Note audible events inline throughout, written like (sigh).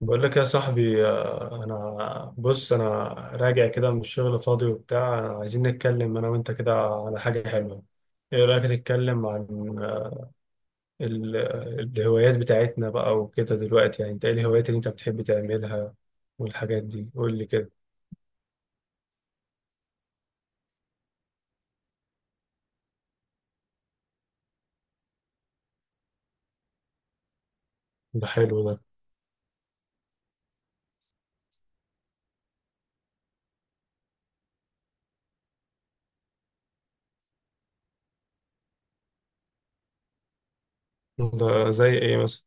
بقول لك يا صاحبي، انا بص انا راجع كده من الشغل فاضي وبتاع. عايزين نتكلم انا وانت كده على حاجة حلوة. ايه رأيك نتكلم عن ال- الهوايات بتاعتنا بقى وكده دلوقتي؟ يعني انت ايه الهوايات اللي انت بتحب تعملها والحاجات دي؟ قول لي كده. ده حلو ده. ده زي ايه مثلا؟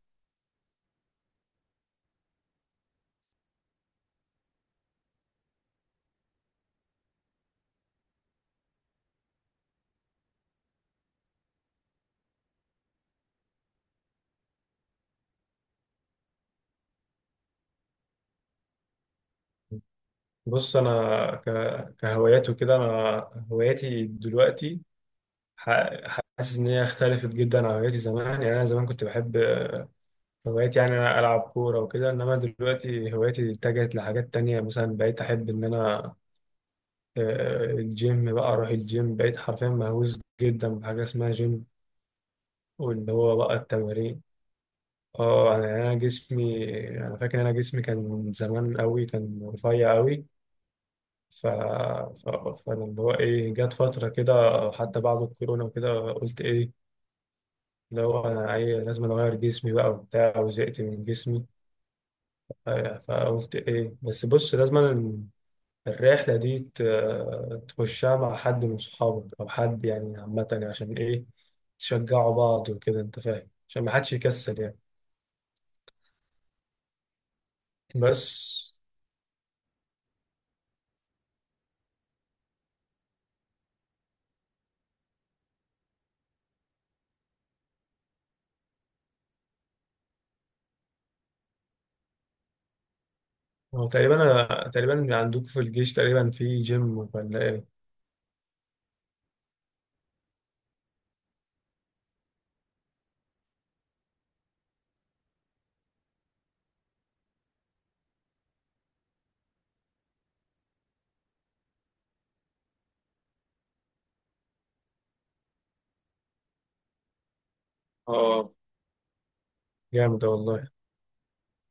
بص انا كهوايات وكده، انا هواياتي دلوقتي حاسس ان هي اختلفت جدا عن هواياتي زمان. يعني انا زمان كنت بحب هوايتي، يعني أنا ألعب كورة وكده، إنما دلوقتي هوايتي اتجهت لحاجات تانية. مثلا بقيت أحب إن أنا الجيم بقى، أروح الجيم. بقيت حرفيا مهووس جدا بحاجة اسمها جيم، واللي هو بقى التمارين. اه، أنا يعني أنا جسمي، أنا فاكر إن أنا جسمي كان زمان أوي كان رفيع أوي. ف... ف... فأنا اللي هو إيه، جت فترة كده، حتى بعد الكورونا وكده، قلت إيه، اللي هو أنا أي لازم أغير جسمي بقى وبتاع، وزهقت من جسمي. فقلت ايه، بس بص، لازم الرحلة دي تخشها مع حد من صحابك أو حد يعني، عامة يعني عشان إيه، تشجعوا بعض وكده أنت فاهم، عشان ما حدش يكسل يعني. بس هو تقريبا، أنا تقريبا عندكم في الجيش تقريبا في جيم ولا إيه؟ اه، جامد والله.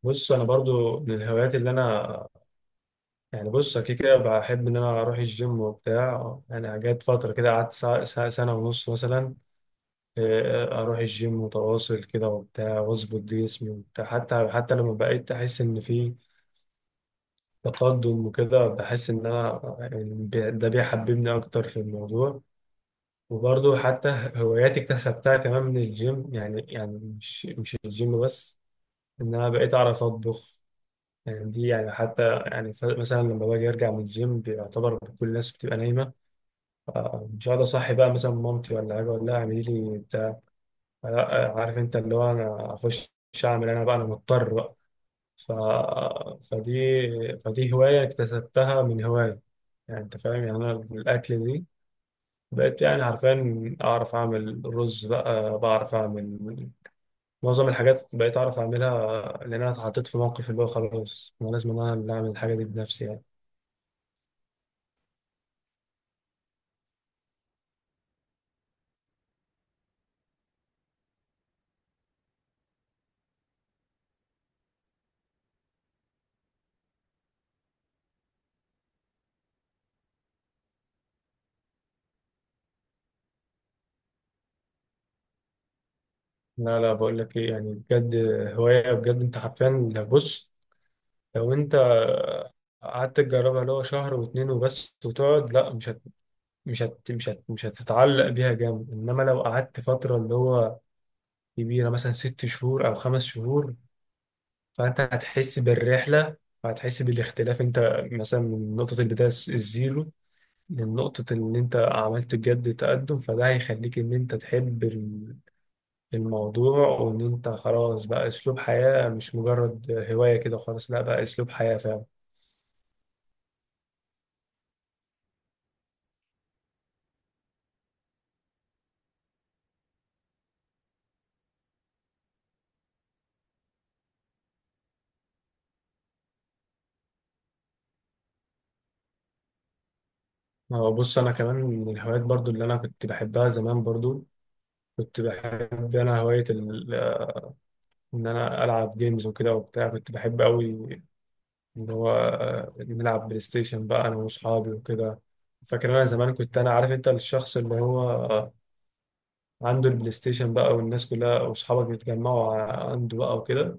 بص أنا برضو من الهوايات اللي أنا، يعني بص أكيد كده بحب إن أنا أروح الجيم وبتاع. يعني جت فترة كده قعدت سنة ونص مثلا، اروح الجيم متواصل كده وبتاع واظبط جسمي وبتاع، حتى لما بقيت احس ان في تقدم وكده، بحس ان انا يعني ده بيحببني اكتر في الموضوع. وبرضه حتى (laughs) هواياتي اكتسبتها كمان من الجيم، يعني مش الجيم بس، ان انا بقيت اعرف اطبخ. يعني دي يعني، حتى يعني مثلا لما باجي ارجع من الجيم، بيعتبر كل الناس بتبقى نايمه. مش هقعد اصحي بقى مثلا مامتي ولا حاجه اقول لها اعملي لي. لا، عارف انت اللي هو انا اخش اعمل انا بقى، انا مضطر بقى. ف... فدي فدي هواية اكتسبتها من هواية. يعني انت فاهم، يعني انا الاكل دي بقيت يعني حرفيا اعرف اعمل رز بقى، بعرف اعمل معظم الحاجات، بقيت اعرف اعملها، لان انا اتحطيت في موقف اللي هو خلاص انا لازم انا اللي اعمل الحاجة دي بنفسي يعني. لا لا، بقول لك ايه، يعني بجد هواية بجد. انت حرفيا بص، لو انت قعدت تجربها اللي هو شهر واتنين وبس وتقعد، لا مش هتتعلق بيها جامد. انما لو قعدت فتره اللي هو كبيره، مثلا ست شهور او خمس شهور، فانت هتحس بالرحله وهتحس بالاختلاف. انت مثلا من نقطه البدايه الزيرو لنقطه ان انت عملت بجد تقدم، فده هيخليك ان انت تحب الموضوع، وان انت خلاص بقى اسلوب حياه مش مجرد هوايه. كده خلاص، لا بقى اسلوب حياه فعلا. بص انا كمان من الهوايات برضو اللي انا كنت بحبها زمان. برضو كنت بحب انا هواية ان انا العب جيمز وكده وبتاع، كنت بحب قوي ان هو نلعب بلاي ستيشن بقى انا واصحابي وكده. فاكر انا زمان، كنت انا عارف انت الشخص اللي هو عنده البلاي ستيشن بقى، والناس كلها واصحابك بيتجمعوا عنده بقى وكده.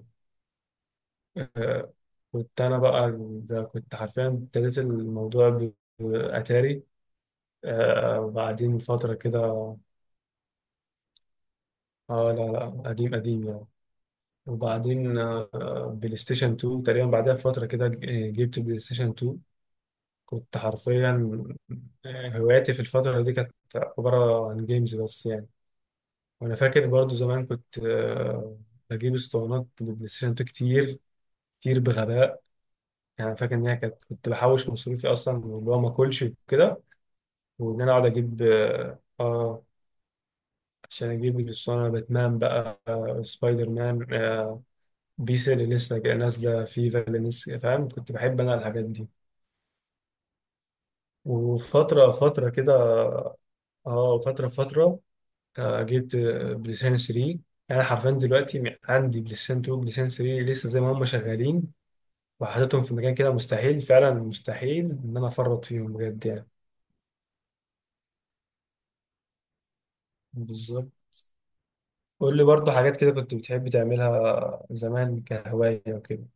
آه، كنت انا بقى، ده كنت حرفيا ابتديت الموضوع باتاري. وبعدين فترة كده اه، لا لا قديم قديم يعني. وبعدين بلاي ستيشن 2 تقريبا، بعدها فترة كده جبت بلاي ستيشن 2. كنت حرفيا هواياتي في الفترة دي كانت عبارة عن جيمز بس يعني. وأنا فاكر برضو زمان كنت بجيب اسطوانات للبلاي ستيشن 2 كتير كتير بغباء. يعني فاكر إن هي كانت، كنت بحوش مصروفي أصلا واللي هو ما أكلش وكده، وإن أنا أقعد أجيب عشان أجيب الأسطوانة باتمان بقى، سبايدر مان، بيس اللي لسه جاية نازلة، فيفا اللي لسه، فاهم كنت بحب أنا الحاجات دي. وفترة فترة كده اه آه، فترة فترة آه، جبت بلسان 3. انا حرفيا دلوقتي عندي بلسان 2 بلسان 3 لسه زي ما هم شغالين، وحاططهم في مكان كده، مستحيل فعلا، مستحيل ان انا افرط فيهم بجد يعني. بالظبط. قول لي برضه حاجات كده كنت بتحب تعملها زمان كهواية وكده.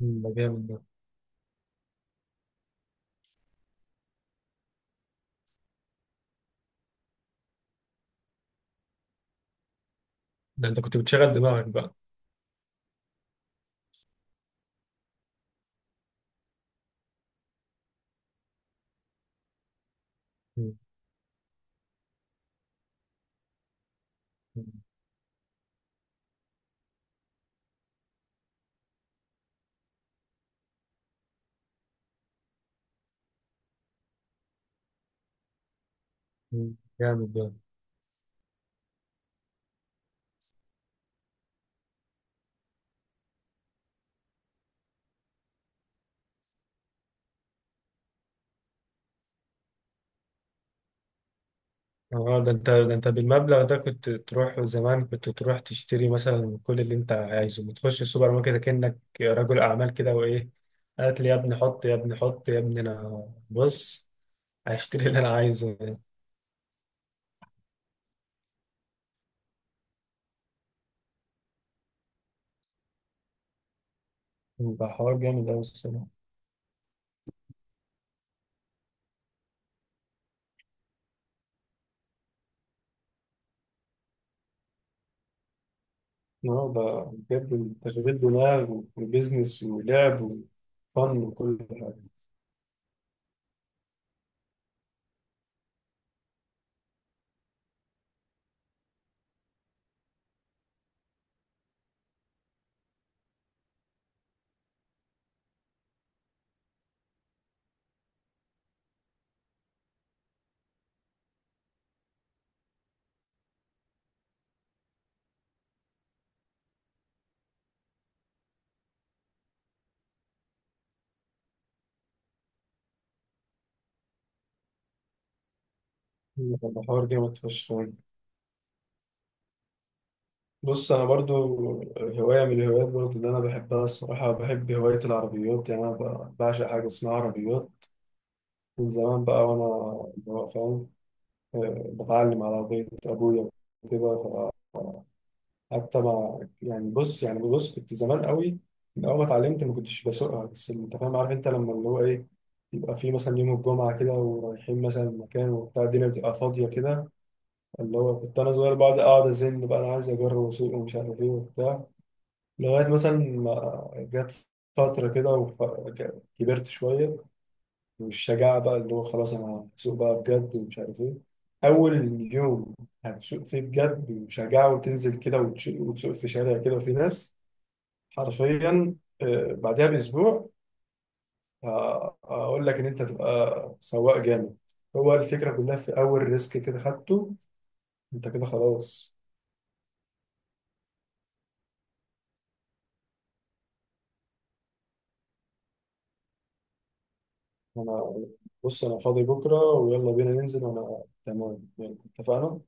مم، ده جامد ده. ده انت كنت بتشغل دماغك بقى. مم. مم، جامد ده. اه، ده انت بالمبلغ ده كنت تروح زمان، كنت تروح تشتري مثلا كل اللي انت عايزه، بتخش السوبر ماركت كأنك رجل اعمال كده وايه، هات لي يا ابني، حط يا ابني، حط يا ابني، انا بص هشتري اللي انا عايزه. ده حوار جامد قوي الصراحه. اه ده، بجد تشغيل دماغ وبيزنس ولعب وفن وكل حاجه. ده حوار جامد فشخ. بص انا برضو هوايه من الهوايات برضو اللي انا بحبها الصراحه، بحب هوايه العربيات. يعني انا بعشق حاجه اسمها عربيات من زمان بقى. وانا اللي هو فاهم، بتعلم على عربيه ابويا وكده. فحتى ما يعني، بص يعني، بص كنت زمان قوي، من اول ما اتعلمت ما كنتش بسوقها، بس انت فاهم، عارف انت لما اللي هو ايه، يبقى في مثلا يوم الجمعه كده ورايحين مثلا مكان وبتاع، الدنيا بتبقى فاضيه كده، اللي هو كنت انا صغير بقعد اقعد ازن بقى انا عايز اجرب اسوق ومش عارف ايه وبتاع. لغاية مثلا ما جت فترة كده وكبرت شوية والشجاعة بقى، اللي هو خلاص أنا هسوق بقى بجد ومش عارف إيه. أول يوم هتسوق فيه بجد وشجاعة، وتنزل كده وتسوق في شارع كده وفي ناس. حرفيا بعدها بأسبوع، أقول لك إن أنت تبقى سواق جامد. هو الفكرة كلها في أول ريسك كده خدته، أنت كده خلاص. أنا بص، أنا فاضي بكرة ويلا بينا ننزل وأنا تمام يعني، اتفقنا.